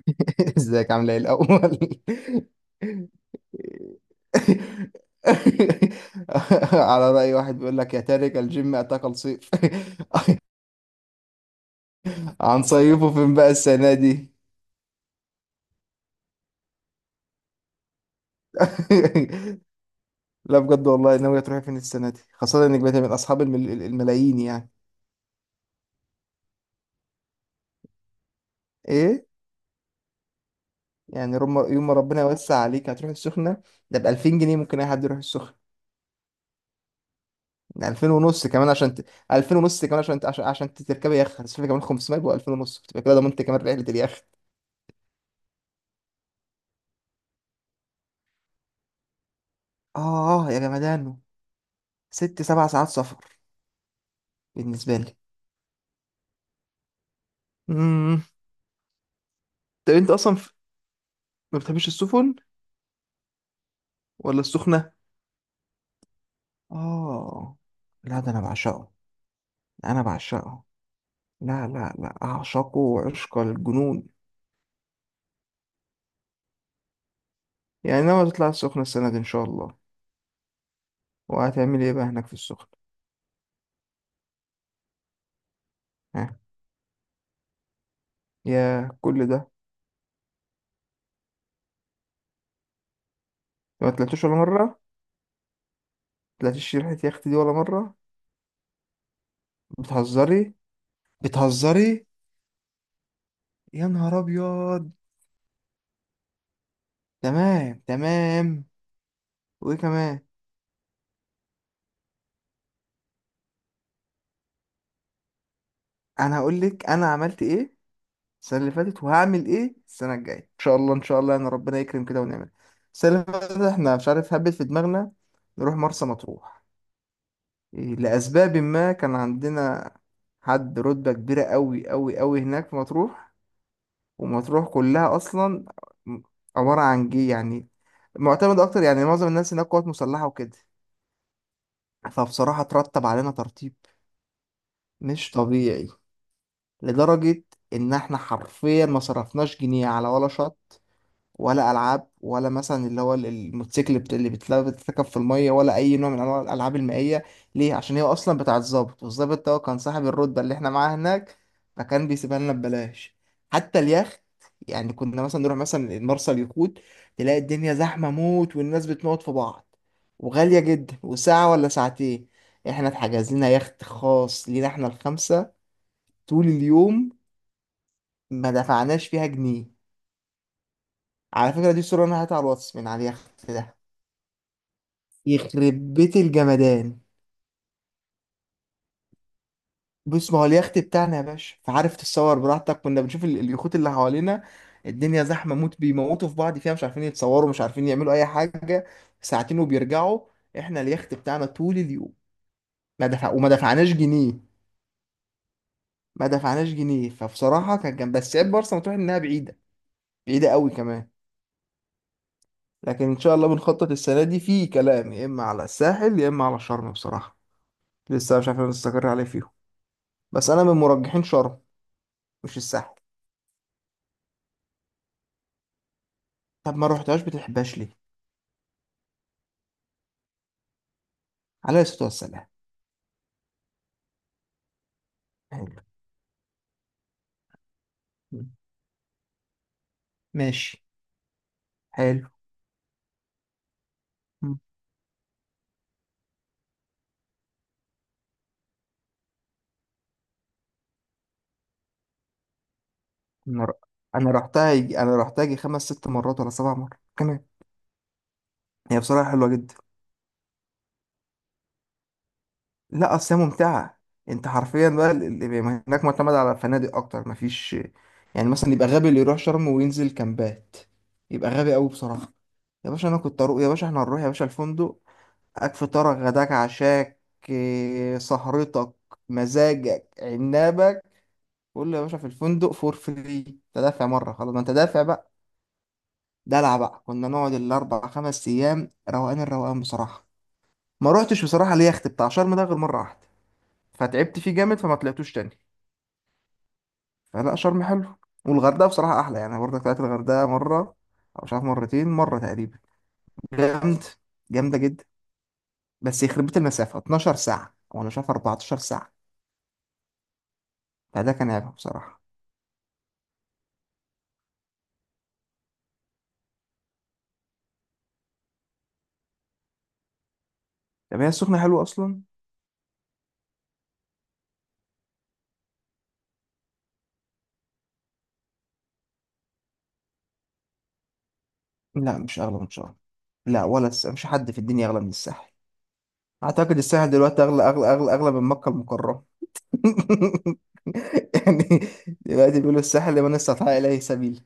ازيك عامله ايه الاول؟ على رأي واحد بيقول لك: يا تارك الجيم اتاك الصيف. هنصيفه فين بقى السنه دي؟ لا بجد والله، ناويه تروحي فين السنه دي، خاصه انك بقيتي من اصحاب الملايين يعني؟ ايه؟ يعني يوم ما ربنا يوسع عليك هتروحي السخنه. ده ب 2000 جنيه ممكن اي حد يروح السخنه. 2000 ونص كمان عشان 2000 ونص كمان عشان تركبي يخت هتصرفي كمان 500، يبقى 2000 ونص، بتبقى كده ضمنت كمان رحله اليخت. آه يا جمدانه، ست سبع ساعات سفر بالنسبة لي. امم، طب أنت أصلا ما بتحبش السفن ولا السخنة؟ آه، لا ده أنا بعشقه. أنا بعشقه. لا أعشقه عشق الجنون. يعني ناوي تطلع السخنة السنة دي إن شاء الله؟ وهتعمل إيه بقى هناك في السخنة؟ ها؟ يا كل ده! ما طلعتوش ولا مرة؟ طلعتيش ريحة يخت دي ولا مرة؟ بتهزري؟ بتهزري؟ يا نهار أبيض! تمام تمام. وإيه كمان؟ انا هقول لك انا عملت ايه السنه اللي فاتت، وهعمل ايه السنه الجايه ان شاء الله. ان شاء الله انا ربنا يكرم كده ونعمل. السنه اللي فاتت احنا مش عارف هبت في دماغنا، نروح مرسى مطروح. إيه، لاسباب ما كان عندنا حد رتبه كبيره قوي قوي قوي هناك في مطروح. ومطروح كلها اصلا م- عباره عن جي يعني، معتمد اكتر، يعني معظم الناس هناك قوات مسلحه وكده. فبصراحه ترتب علينا ترتيب مش طبيعي، لدرجه ان احنا حرفيا ما صرفناش جنيه على ولا شط ولا العاب، ولا مثلا اللي هو الموتوسيكل اللي بتتركب في الميه، ولا اي نوع من انواع الالعاب المائيه. ليه؟ عشان هي اصلا بتاعه الضابط، والضابط ده هو كان صاحب الرتبه اللي احنا معاها هناك، فكان بيسيبها لنا ببلاش. حتى اليخت، يعني كنا مثلا نروح مثلا مرسى اليخوت، تلاقي الدنيا زحمه موت والناس بتموت في بعض وغاليه جدا، وساعه ولا ساعتين. احنا اتحجز لنا يخت خاص لينا احنا الخمسه طول اليوم، ما دفعناش فيها جنيه. على فكره دي صوره انا هاتها على الواتس من على اليخت ده. يخرب بيت الجمدان! بص، ما هو اليخت بتاعنا يا باشا فعارف تتصور براحتك. كنا بنشوف اليخوت اللي حوالينا، الدنيا زحمة موت بيموتوا في بعض فيها، مش عارفين يتصوروا، مش عارفين يعملوا أي حاجة، ساعتين وبيرجعوا. احنا اليخت بتاعنا طول اليوم ما دفعناش جنيه. ما دفعناش جنيه. فبصراحة كان جنب، بس عيب مرسى مطروح إنها بعيدة، بعيدة قوي كمان. لكن إن شاء الله بنخطط السنة دي في كلام يا إما على الساحل يا إما على شرم بصراحة، لسه مش عارفين نستقر عليه فيهم، بس أنا من مرجحين شرم مش الساحل. طب ما روحتهاش بتحبهاش ليه؟ عليه الصلاة والسلام. حلو. مم. ماشي. حلو. مم. انا ر- أنا رحتها يجي... انا رحتها يجي خمس ست مرات ولا سبع مرات كمان. هي بصراحة حلوة جدا. لا اصل هي ممتعة. انت حرفيا بقى هناك معتمد على فنادق اكتر، مفيش. يعني مثلا يبقى غبي اللي يروح شرم وينزل كامبات، يبقى غبي قوي بصراحة. يا باشا انا كنت اروح، يا باشا احنا هنروح، يا باشا الفندق اك، فطارك غداك عشاك، إيه، سهرتك، مزاجك عنابك. قول له: يا باشا في الفندق فور فري، تدافع مرة خلاص، ما انت دافع بقى. دلع بقى، كنا نقعد الأربع خمس أيام روقان الروقان بصراحة. ما روحتش بصراحة اليخت بتاع شرم ده غير مرة واحدة، فتعبت فيه جامد فما طلعتوش تاني. فلا شرم حلو، والغردقة بصراحة أحلى. يعني أنا برضك طلعت الغردقة مرة أو مش عارف مرتين، مرة تقريبا. جامد، جامدة جدا. بس يخرب بيت المسافة، 12 ساعة وأنا شايف 14 ساعة، فده كان عيبها بصراحة. طب هي السخنة حلوة أصلا؟ لا مش أغلى من شرم. لا ولا مش حد في الدنيا أغلى من الساحل. اعتقد الساحل دلوقتي اغلى من مكة المكرمة. يعني دلوقتي بيقولوا الساحل لمن استطاع اليه سبيل.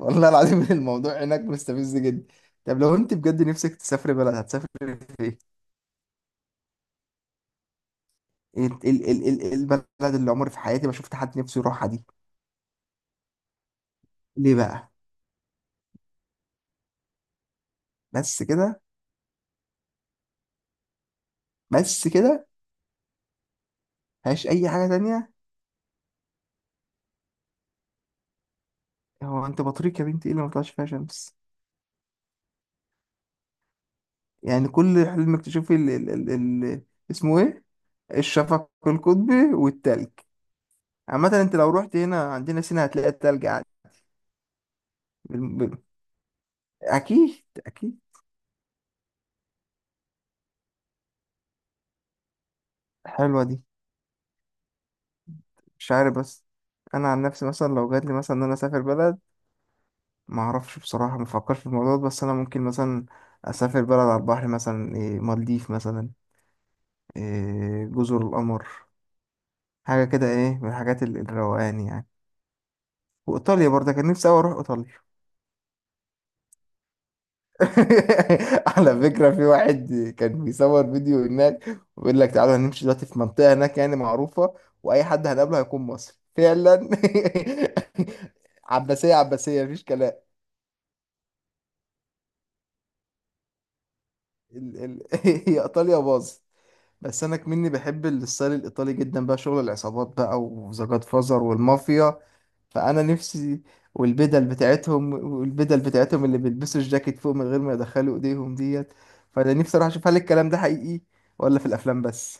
والله العظيم الموضوع هناك مستفز جدا. طب لو انت بجد نفسك تسافري بلد هتسافري فين؟ البلد اللي عمري في حياتي ما شفت حد نفسه يروحها دي. ليه بقى؟ بس كده؟ بس كده؟ مفيهاش اي حاجة تانية؟ هو انت بطريق يا بنتي ايه اللي ما طلعش فيها شمس؟ يعني كل حلمك تشوفي ال- اسمه ايه، الشفق القطبي والتلج؟ عامة انت لو رحت هنا عندنا سينا هتلاقي التلج عادي. بال- بال- اكيد، اكيد. حلوة دي. مش عارف بس، انا عن نفسي مثلا لو جاتلي مثلا ان انا اسافر بلد، ما اعرفش بصراحة، ما افكرش في الموضوع ده، بس انا ممكن مثلا اسافر بلد على البحر مثلا، إيه، مالديف مثلا، إيه، جزر القمر، حاجة كده ايه من الحاجات الروقان يعني. وايطاليا برضه كان نفسي اوي اروح ايطاليا. على فكرة في واحد كان بيصور فيديو هناك، ويقول لك: تعالوا هنمشي دلوقتي في منطقة هناك يعني معروفة، وأي حد هنقابله هيكون مصري فعلا. عباسية، عباسية، مفيش كلام. ال ال هي إيطاليا باظت. بس انا كمني بحب الستايل الايطالي جدا بقى، شغل العصابات بقى وذا جاد فازر والمافيا. فانا نفسي، والبدل بتاعتهم، والبدل بتاعتهم اللي بيلبسوا الجاكيت فوق من غير ما يدخلوا ايديهم ديت. فانا نفسي اروح اشوف هل الكلام ده حقيقي ولا في الافلام بس.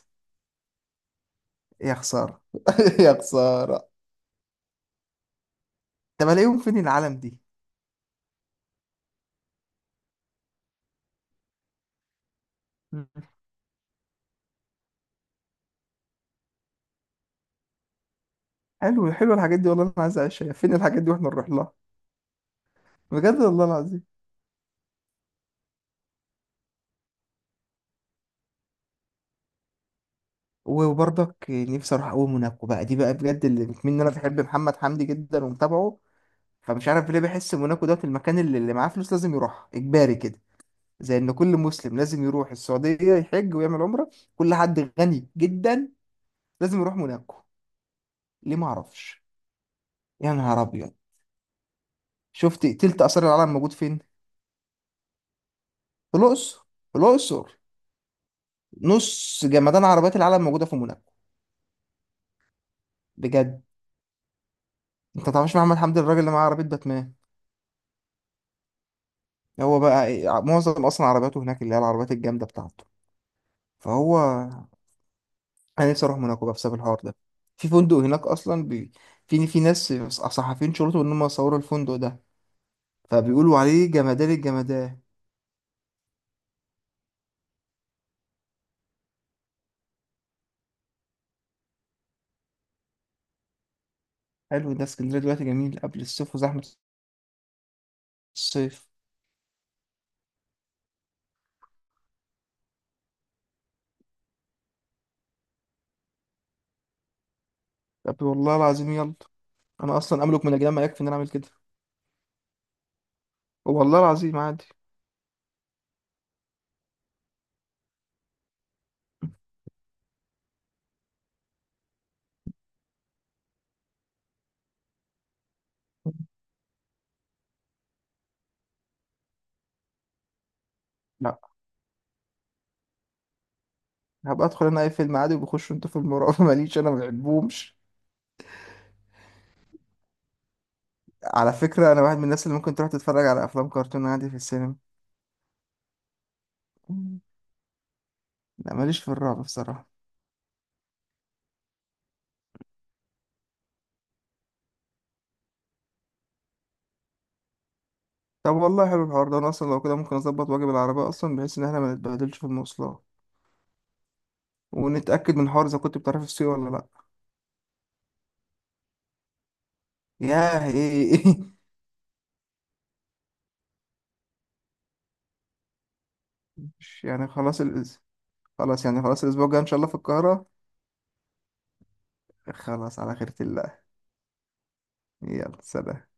يا خساره. يا خساره. طب الاقيهم فين العالم دي؟ مم. حلو، حلو الحاجات دي، والله انا عايز اعيشها. فين الحاجات دي واحنا نروح لها؟ بجد والله العظيم. وبرضك نفسي اروح اقوم موناكو بقى، دي بقى بجد اللي بتمني، إن انا بحب محمد حمدي جدا ومتابعه، فمش عارف ليه بحس موناكو دوت المكان اللي معاه فلوس لازم يروح اجباري كده. زي ان كل مسلم لازم يروح السعوديه يحج ويعمل عمره، كل حد غني جدا لازم يروح موناكو. ليه؟ ما اعرفش. يا نهار ابيض. شفت تلت اثار العالم موجود فين؟ في الاقصر، في الاقصر. نص جمدان عربيات العالم موجوده في موناكو. بجد، انت ما تعرفش محمد حمدي الراجل اللي معاه عربيه باتمان؟ هو بقى إيه، معظم اصلا عربياته هناك اللي هي العربيات الجامده بتاعته. فهو، انا نفسي اروح موناكو بقى بسبب الحوار ده. في فندق هناك اصلا في في ناس صحفيين شرطوا ان هم صوروا الفندق ده، فبيقولوا عليه جمدان الجمدان. حلو ده، اسكندريه دلوقتي جميل قبل الصيف وزحمه الصيف. طب والله العظيم يلا، انا اصلا املك من الجنان ما يكفي ان انا اعمل كده. والله العظيم عادي. لا، هبقى ادخل انا اي فيلم عادي وبخش انتوا في المراقبه ماليش انا ما بحبهمش. على فكره انا واحد من الناس اللي ممكن تروح تتفرج على افلام كرتون عادي في السينما. لا ماليش في الرعب بصراحه. طب والله حلو الحوار ده، انا اصلا لو كده ممكن اظبط واجيب العربيه اصلا بحيث ان احنا ما نتبهدلش في المواصلات، ونتاكد من حوار اذا كنت بتعرف السوق ولا لا. ياه ايه؟ مش- يعني خلاص الأس... خلاص يعني، خلاص الاسبوع الجاي ان شاء الله في القاهره. خلاص على خيرة الله. يلا سلام.